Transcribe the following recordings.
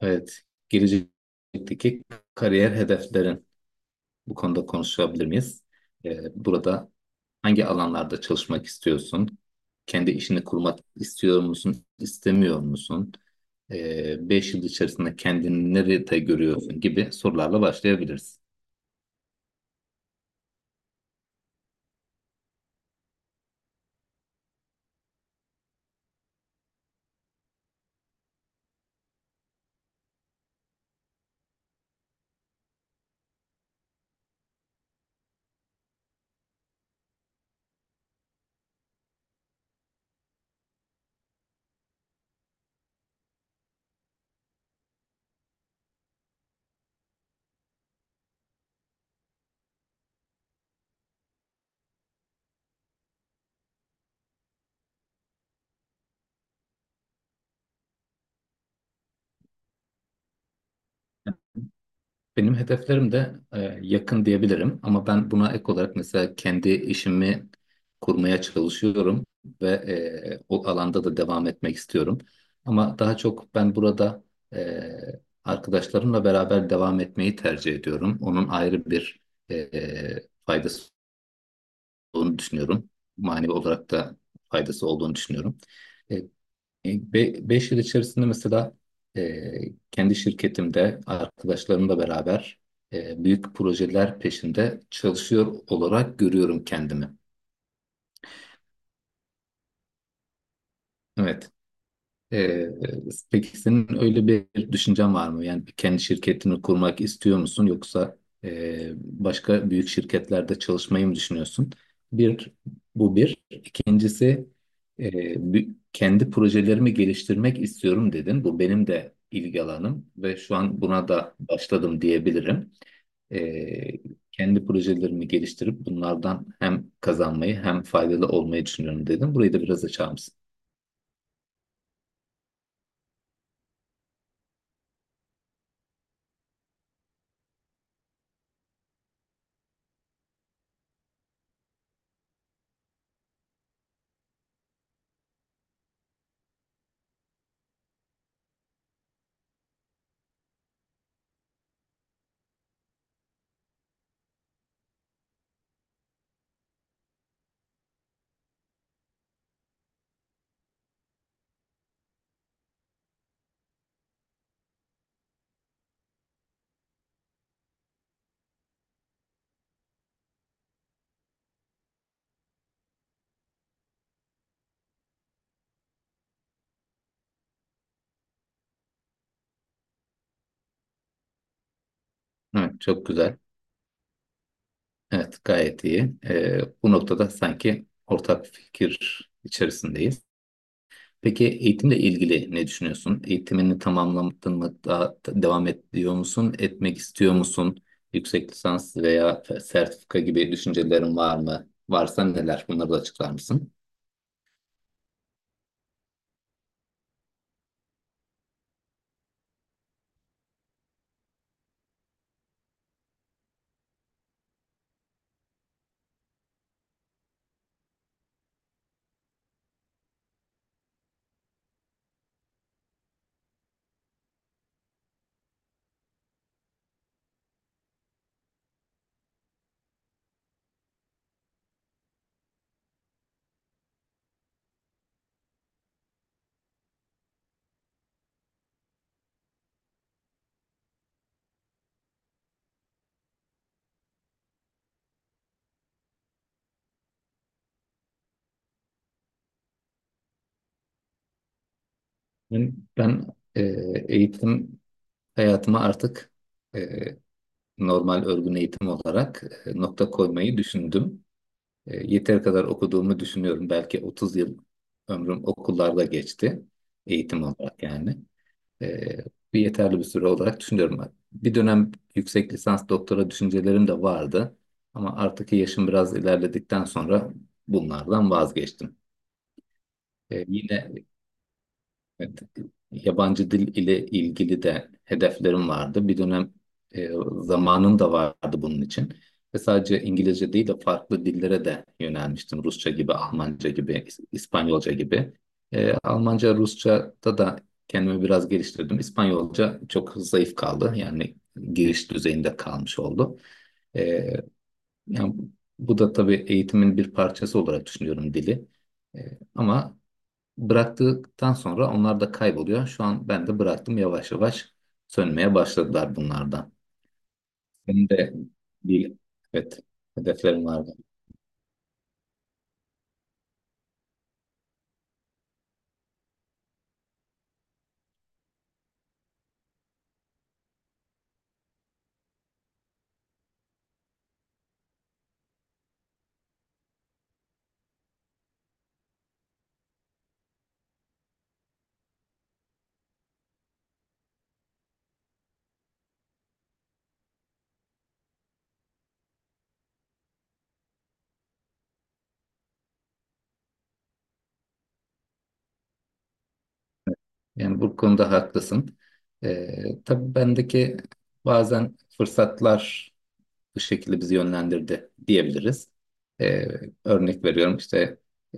Evet, gelecekteki kariyer hedeflerin bu konuda konuşabilir miyiz? Burada hangi alanlarda çalışmak istiyorsun? Kendi işini kurmak istiyor musun, istemiyor musun? 5 yıl içerisinde kendini nerede görüyorsun gibi sorularla başlayabiliriz. Benim hedeflerim de yakın diyebilirim ama ben buna ek olarak mesela kendi işimi kurmaya çalışıyorum ve o alanda da devam etmek istiyorum. Ama daha çok ben burada e, arkadaşlarımla beraber devam etmeyi tercih ediyorum. Onun ayrı bir faydası olduğunu düşünüyorum. Manevi olarak da faydası olduğunu düşünüyorum. E, 5 yıl içerisinde mesela e, kendi şirketimde arkadaşlarımla beraber büyük projeler peşinde çalışıyor olarak görüyorum kendimi. Evet. Ee, peki senin öyle bir düşüncen var mı? Yani kendi şirketini kurmak istiyor musun yoksa başka büyük şirketlerde çalışmayı mı düşünüyorsun? Bir, bu bir. İkincisi, e, kendi projelerimi geliştirmek istiyorum dedin. Bu benim de ilgi alanım ve şu an buna da başladım diyebilirim. Ee, Kendi projelerimi geliştirip bunlardan hem kazanmayı hem faydalı olmayı düşünüyorum dedim. Burayı da biraz açar mısın? Evet, çok güzel. Evet, gayet iyi. Bu noktada sanki ortak fikir içerisindeyiz. Peki eğitimle ilgili ne düşünüyorsun? Eğitimini tamamladın mı? Devam ediyor musun? Etmek istiyor musun? Yüksek lisans veya sertifika gibi düşüncelerin var mı? Varsa neler? Bunları da açıklar mısın? Ben e, eğitim hayatıma artık e, normal örgün eğitim olarak nokta koymayı düşündüm. Yeteri kadar okuduğumu düşünüyorum. Belki 30 yıl ömrüm okullarda geçti. Eğitim olarak yani. E, Bir yeterli bir süre olarak düşünüyorum. Bir dönem yüksek lisans doktora düşüncelerim de vardı. Ama artık yaşım biraz ilerledikten sonra bunlardan vazgeçtim. E, yine Evet, yabancı dil ile ilgili de hedeflerim vardı. Bir dönem e, zamanım da vardı bunun için. Ve sadece İngilizce değil de farklı dillere de yönelmiştim. Rusça gibi, Almanca gibi, İspanyolca gibi. Almanca, Rusça'da da kendimi biraz geliştirdim. İspanyolca çok zayıf kaldı. Yani giriş düzeyinde kalmış oldu. E, Yani bu da tabii eğitimin bir parçası olarak düşünüyorum dili. E, ama Bıraktıktan sonra onlar da kayboluyor. Şu an ben de bıraktım, yavaş yavaş sönmeye başladılar bunlardan. Benim de bir, evet, hedeflerim vardı. Yani bu konuda haklısın. Tabii bendeki bazen fırsatlar bu şekilde bizi yönlendirdi diyebiliriz. Ee, Örnek veriyorum işte,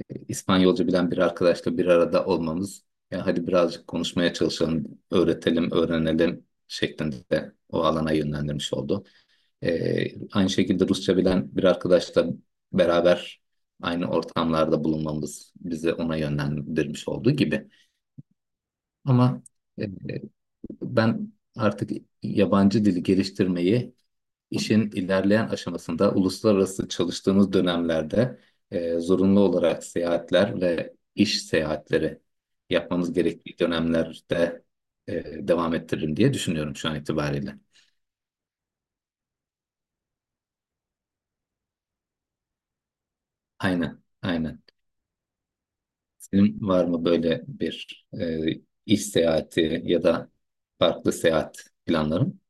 İspanyolca bilen bir arkadaşla bir arada olmamız. Ya hadi birazcık konuşmaya çalışalım, öğretelim, öğrenelim şeklinde o alana yönlendirmiş oldu. Aynı şekilde Rusça bilen bir arkadaşla beraber aynı ortamlarda bulunmamız bizi ona yönlendirmiş olduğu gibi. Ama e, Ben artık yabancı dili geliştirmeyi işin ilerleyen aşamasında uluslararası çalıştığımız dönemlerde zorunlu olarak seyahatler ve iş seyahatleri yapmamız gerektiği dönemlerde e, devam ettiririm diye düşünüyorum şu an itibariyle. Aynen, aynen. Senin var mı böyle bir iş seyahati ya da farklı seyahat planların?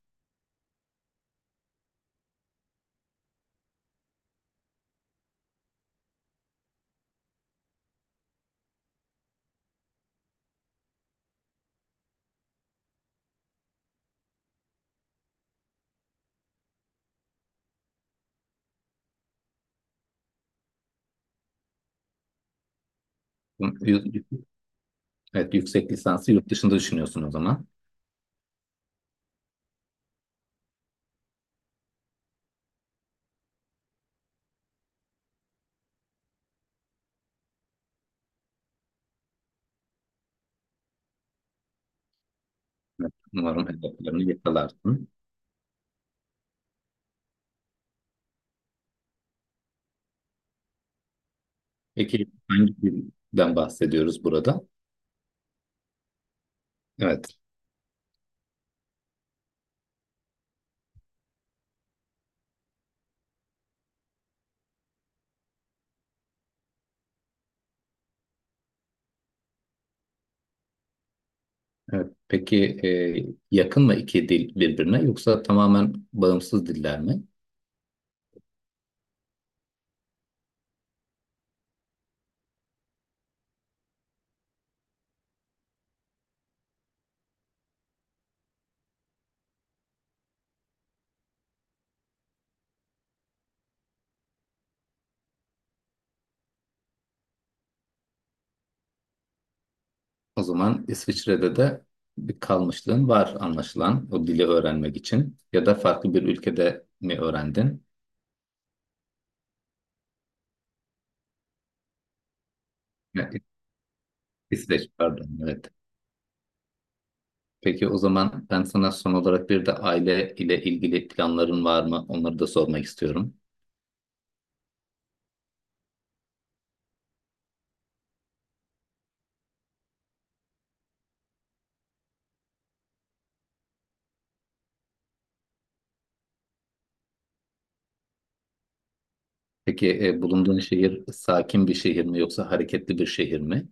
yü- Evet, yüksek lisansı yurt dışında düşünüyorsun o zaman. Evet, umarım hedeflerini yakalarsın. Peki hangi dilden bahsediyoruz burada? Evet. Evet. Peki yakın mı iki dil birbirine yoksa tamamen bağımsız diller mi? O zaman İsviçre'de de bir kalmışlığın var anlaşılan o dili öğrenmek için ya da farklı bir ülkede mi öğrendin? İsveç, pardon, evet. Peki o zaman ben sana son olarak bir de aile ile ilgili planların var mı? Onları da sormak istiyorum. Peki bulunduğun şehir sakin bir şehir mi yoksa hareketli bir şehir mi?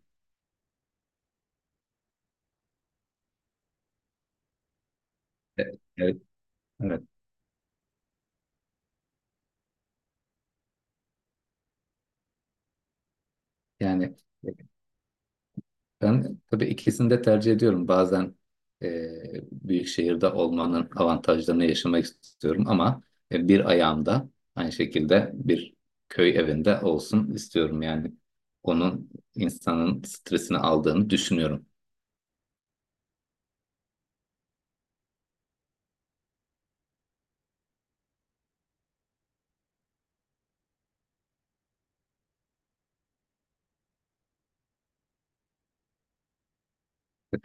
E, Evet, evet. Yani e, ben tabii ikisini de tercih ediyorum. Bazen e, büyük şehirde olmanın avantajlarını yaşamak istiyorum ama bir ayağımda aynı şekilde bir köy evinde olsun istiyorum. Yani onun insanın stresini aldığını düşünüyorum.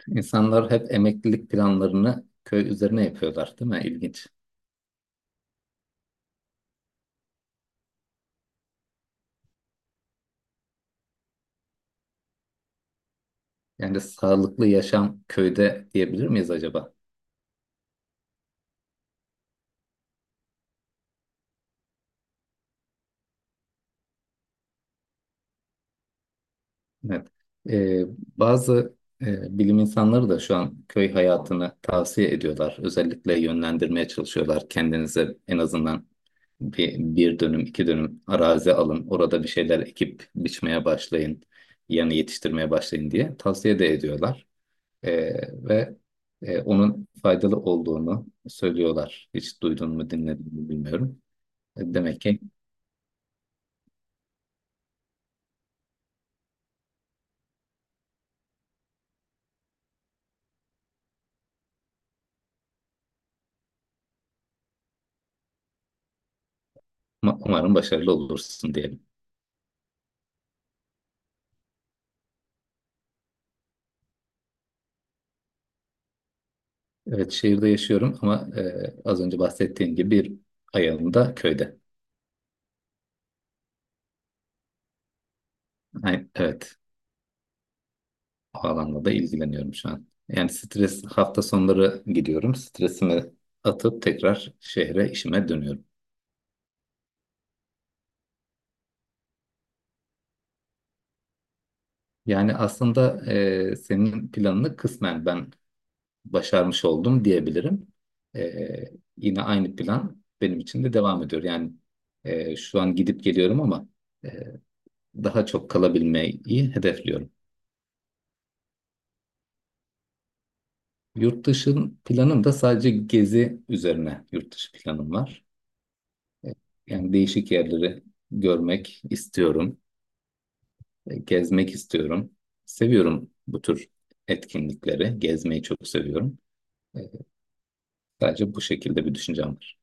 İnsanlar hep emeklilik planlarını köy üzerine yapıyorlar, değil mi? İlginç. Yani sağlıklı yaşam köyde diyebilir miyiz acaba? Evet. Ee, Bazı bilim insanları da şu an köy hayatını tavsiye ediyorlar. Özellikle yönlendirmeye çalışıyorlar. Kendinize en azından bir, bir dönüm, iki dönüm arazi alın. Orada bir şeyler ekip biçmeye başlayın. Yani yetiştirmeye başlayın diye tavsiye de ediyorlar. Ee, ve Onun faydalı olduğunu söylüyorlar. Hiç duydun mu, dinledin mi, bilmiyorum. E, Demek ki Umarım başarılı olursun diyelim. Evet, şehirde yaşıyorum ama az önce bahsettiğim gibi bir ayağım da köyde. Evet, o alanla da ilgileniyorum şu an. Yani stres, hafta sonları gidiyorum. Stresimi atıp tekrar şehre işime dönüyorum. Yani aslında senin planını kısmen ben başarmış oldum diyebilirim. Ee, Yine aynı plan benim için de devam ediyor. Yani şu an gidip geliyorum ama e, daha çok kalabilmeyi hedefliyorum. Yurt dışın planım da sadece gezi üzerine yurt dışı planım var. E, Yani değişik yerleri görmek istiyorum, gezmek istiyorum. Seviyorum bu tür etkinlikleri, gezmeyi çok seviyorum. E, Sadece bu şekilde bir düşüncem var.